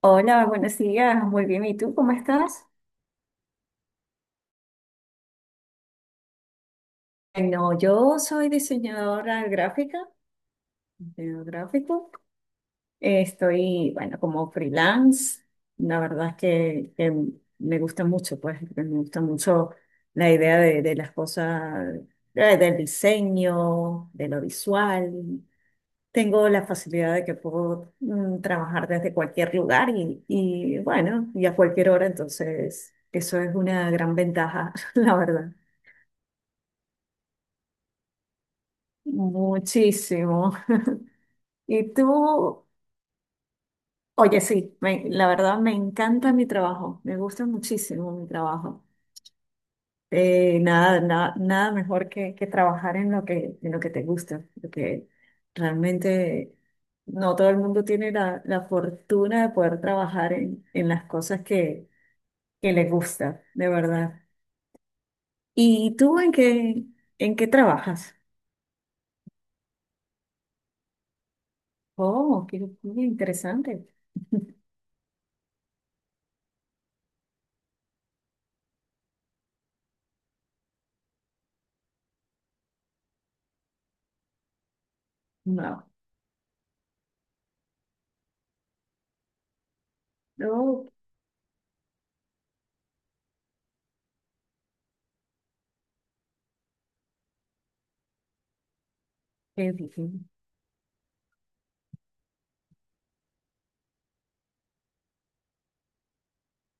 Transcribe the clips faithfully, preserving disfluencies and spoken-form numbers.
Hola, buenos días, muy bien. ¿Y tú cómo estás? No, yo soy diseñadora gráfica, diseñador gráfico. Eh, Estoy, bueno, como freelance. La verdad es que, que me gusta mucho, pues, me gusta mucho la idea de, de las cosas, eh, del diseño, de lo visual. Tengo la facilidad de que puedo mm, trabajar desde cualquier lugar y, y, bueno, y a cualquier hora, entonces eso es una gran ventaja, la verdad. Muchísimo. Y tú, oye, sí, me- la verdad me encanta mi trabajo, me gusta muchísimo mi trabajo. Eh, nada, nada, nada mejor que, que trabajar en lo que, en lo que te gusta, porque realmente no todo el mundo tiene la, la fortuna de poder trabajar en, en las cosas que, que le gusta, de verdad. ¿Y tú en qué, en qué trabajas? Oh, qué, qué interesante. No, no, qué difícil.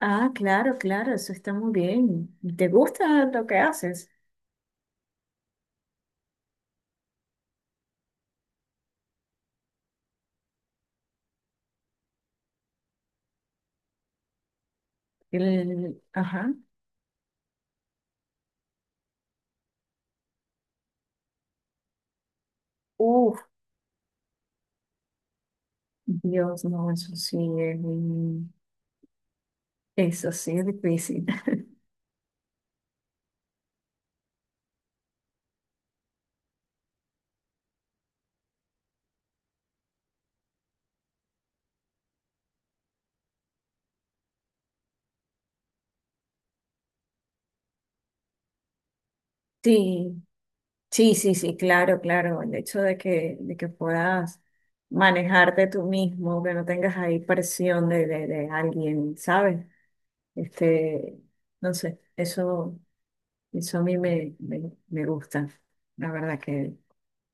Ah, claro, claro, eso está muy bien. ¿Te gusta lo que haces? El, ajá. Uf, Dios, no, eso sí es un- eso sí es difícil. Sí, sí, sí, sí, claro, claro. El hecho de que, de que puedas manejarte tú mismo, que no tengas ahí presión de, de, de alguien, ¿sabes? Este, no sé, eso, eso a mí me, me, me gusta. La verdad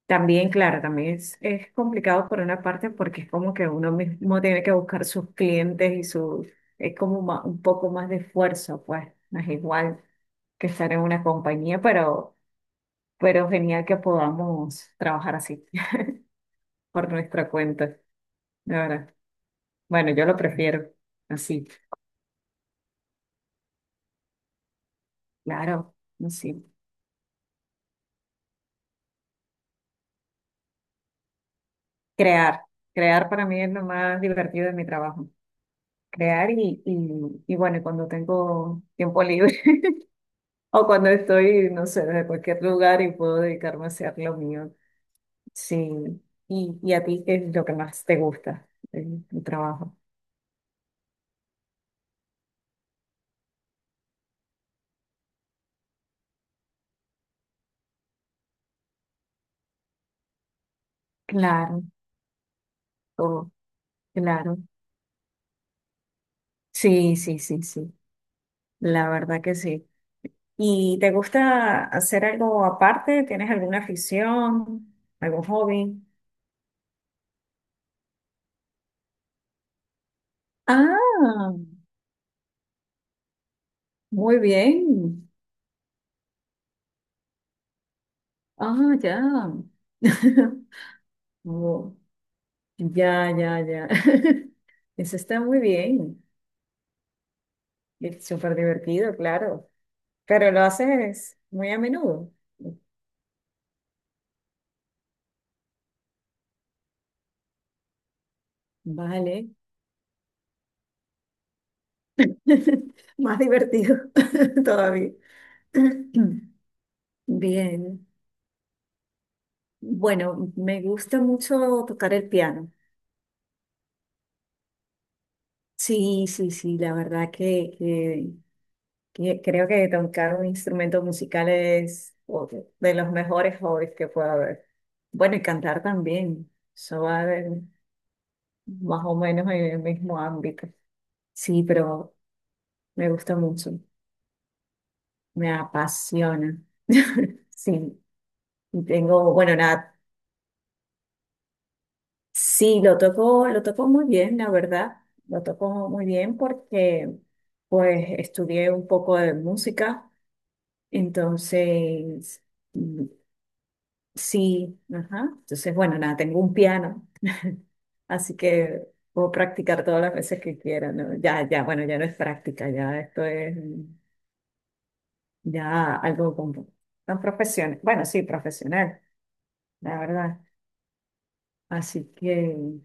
también, claro, también es, es complicado por una parte porque es como que uno mismo tiene que buscar sus clientes y su, es como ma- un poco más de esfuerzo, pues no es igual que estar en una compañía, pero, pero genial que podamos trabajar así por nuestra cuenta, de verdad. Bueno, yo lo prefiero así, claro, así. Crear, crear para mí es lo más divertido de mi trabajo, crear y, y, y bueno, y cuando tengo tiempo libre. O cuando estoy, no sé, de cualquier lugar y puedo dedicarme a hacer lo mío. Sí. Y, y a ti, ¿qué es lo que más te gusta del tu trabajo? Claro, oh, claro. Sí, sí, sí, sí. La verdad que sí. ¿Y te gusta hacer algo aparte? ¿Tienes alguna afición? ¿Algún hobby? Ah, muy bien. Ah, ya. Oh, ya, ya, ya. Eso está muy bien. Es súper divertido, claro. Pero lo haces muy a menudo. Vale. Más divertido todavía. Bien. Bueno, me gusta mucho tocar el piano. Sí, sí, sí, la verdad que, que- que creo que tocar un instrumento musical es otro de los mejores hobbies que puede haber. Bueno, y cantar también. Eso va de- más o menos en el mismo ámbito. Sí, pero me gusta mucho. Me apasiona. Sí, y tengo, bueno, nada, sí, lo tocó, lo tocó muy bien, la verdad. Lo tocó muy bien porque pues estudié un poco de música, entonces mm, sí, ajá. Entonces, bueno, nada, tengo un piano, así que puedo practicar todas las veces que quiera, ¿no? Ya, ya, bueno, ya no es práctica, ya esto es mm, ya algo como tan profesional. Bueno, sí, profesional, la verdad. Así que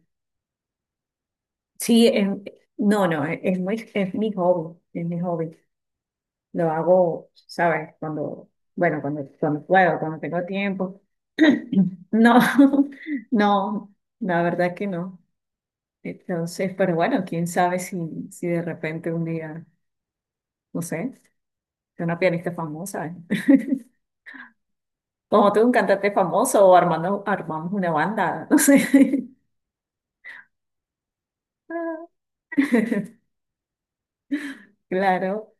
Sí, es- no, no, es, es muy- es mi hobby, es mi hobby. Lo hago, ¿sabes? Cuando, bueno, cuando, cuando puedo, cuando tengo tiempo. No, no, la verdad que no. Entonces, pero bueno, quién sabe si, si de repente un día, no sé, soy una pianista famosa, ¿eh? Como tú, un cantante famoso o armando, armamos una banda, no sé. Claro,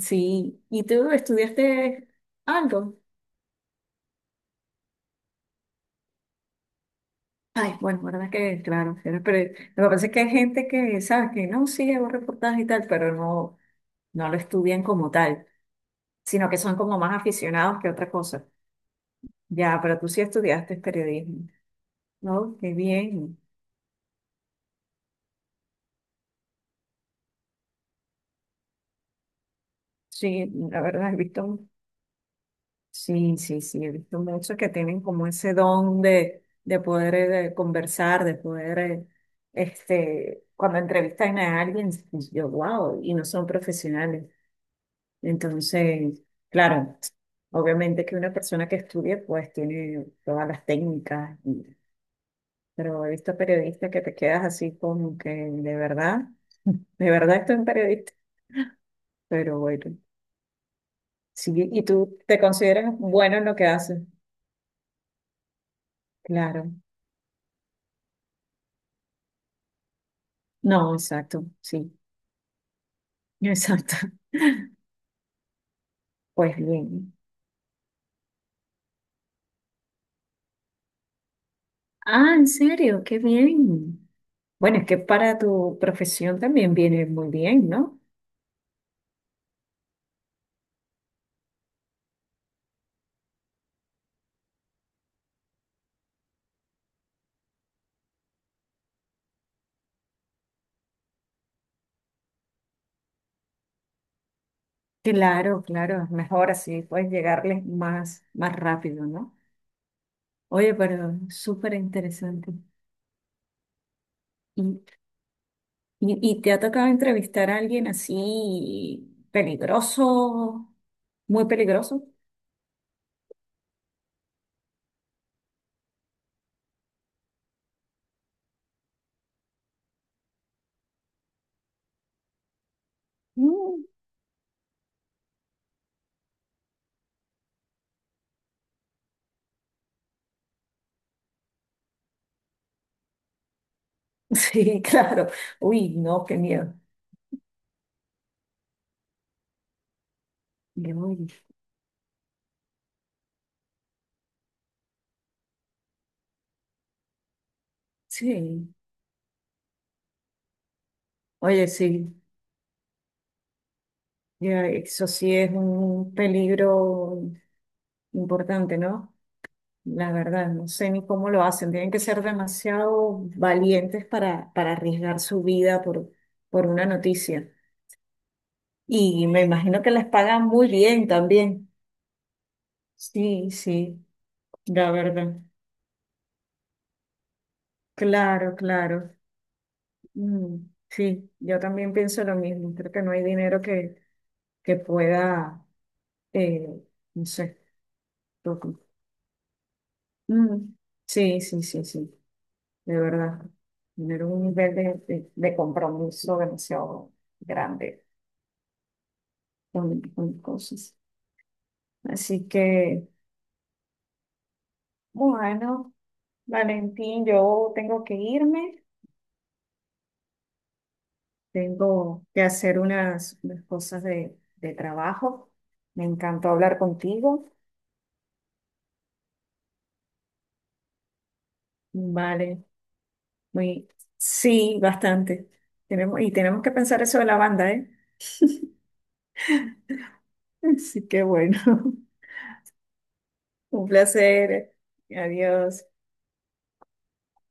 sí. ¿Y tú estudiaste algo? Ay, bueno, verdad que, claro, pero pero lo que pasa es que hay gente que, ¿sabes? Que no, sí, hago reportajes y tal, pero no, no lo estudian como tal, sino que son como más aficionados que otra cosa. Ya, pero tú sí estudiaste periodismo, ¿no? Qué bien. Sí, la verdad, he visto, sí, sí, sí, he visto muchos que tienen como ese don de, de poder eh, de conversar, de poder, eh, este, cuando entrevistan a alguien, yo, wow, y no son profesionales. Entonces, claro, obviamente que una persona que estudia pues tiene todas las técnicas, y pero he visto periodistas que te quedas así como que de verdad, de verdad estoy un periodista, pero bueno, sí, y tú te consideras bueno en lo que haces, claro. No, exacto, sí, exacto. Pues bien. Ah, ¿en serio? Qué bien. Bueno, es que para tu profesión también viene muy bien, ¿no? Claro, claro, es mejor así, puedes llegarles más, más rápido, ¿no? Oye, pero súper interesante. ¿Y, y, y te ha tocado entrevistar a alguien así peligroso, muy peligroso? Mm, sí, claro. Uy, no, qué miedo. Y, uy, sí, oye, sí, ya, eso sí es un peligro importante, ¿no? La verdad, no sé ni cómo lo hacen. Tienen que ser demasiado valientes para, para arriesgar su vida por, por una noticia. Y me imagino que les pagan muy bien también. Sí, sí, la verdad. Claro, claro. Mm, sí, yo también pienso lo mismo. Creo que no hay dinero que, que pueda, eh, no sé. lo- Mm, sí, sí, sí, sí, de verdad. Tener un nivel de, de de compromiso demasiado grande. Un montón de cosas. Así que, bueno, Valentín, yo tengo que irme, tengo que hacer unas, unas cosas de, de trabajo. Me encantó hablar contigo. Vale, muy, sí, bastante. Tenemos, y tenemos que pensar eso de la banda, ¿eh? Así que bueno, un placer. Adiós.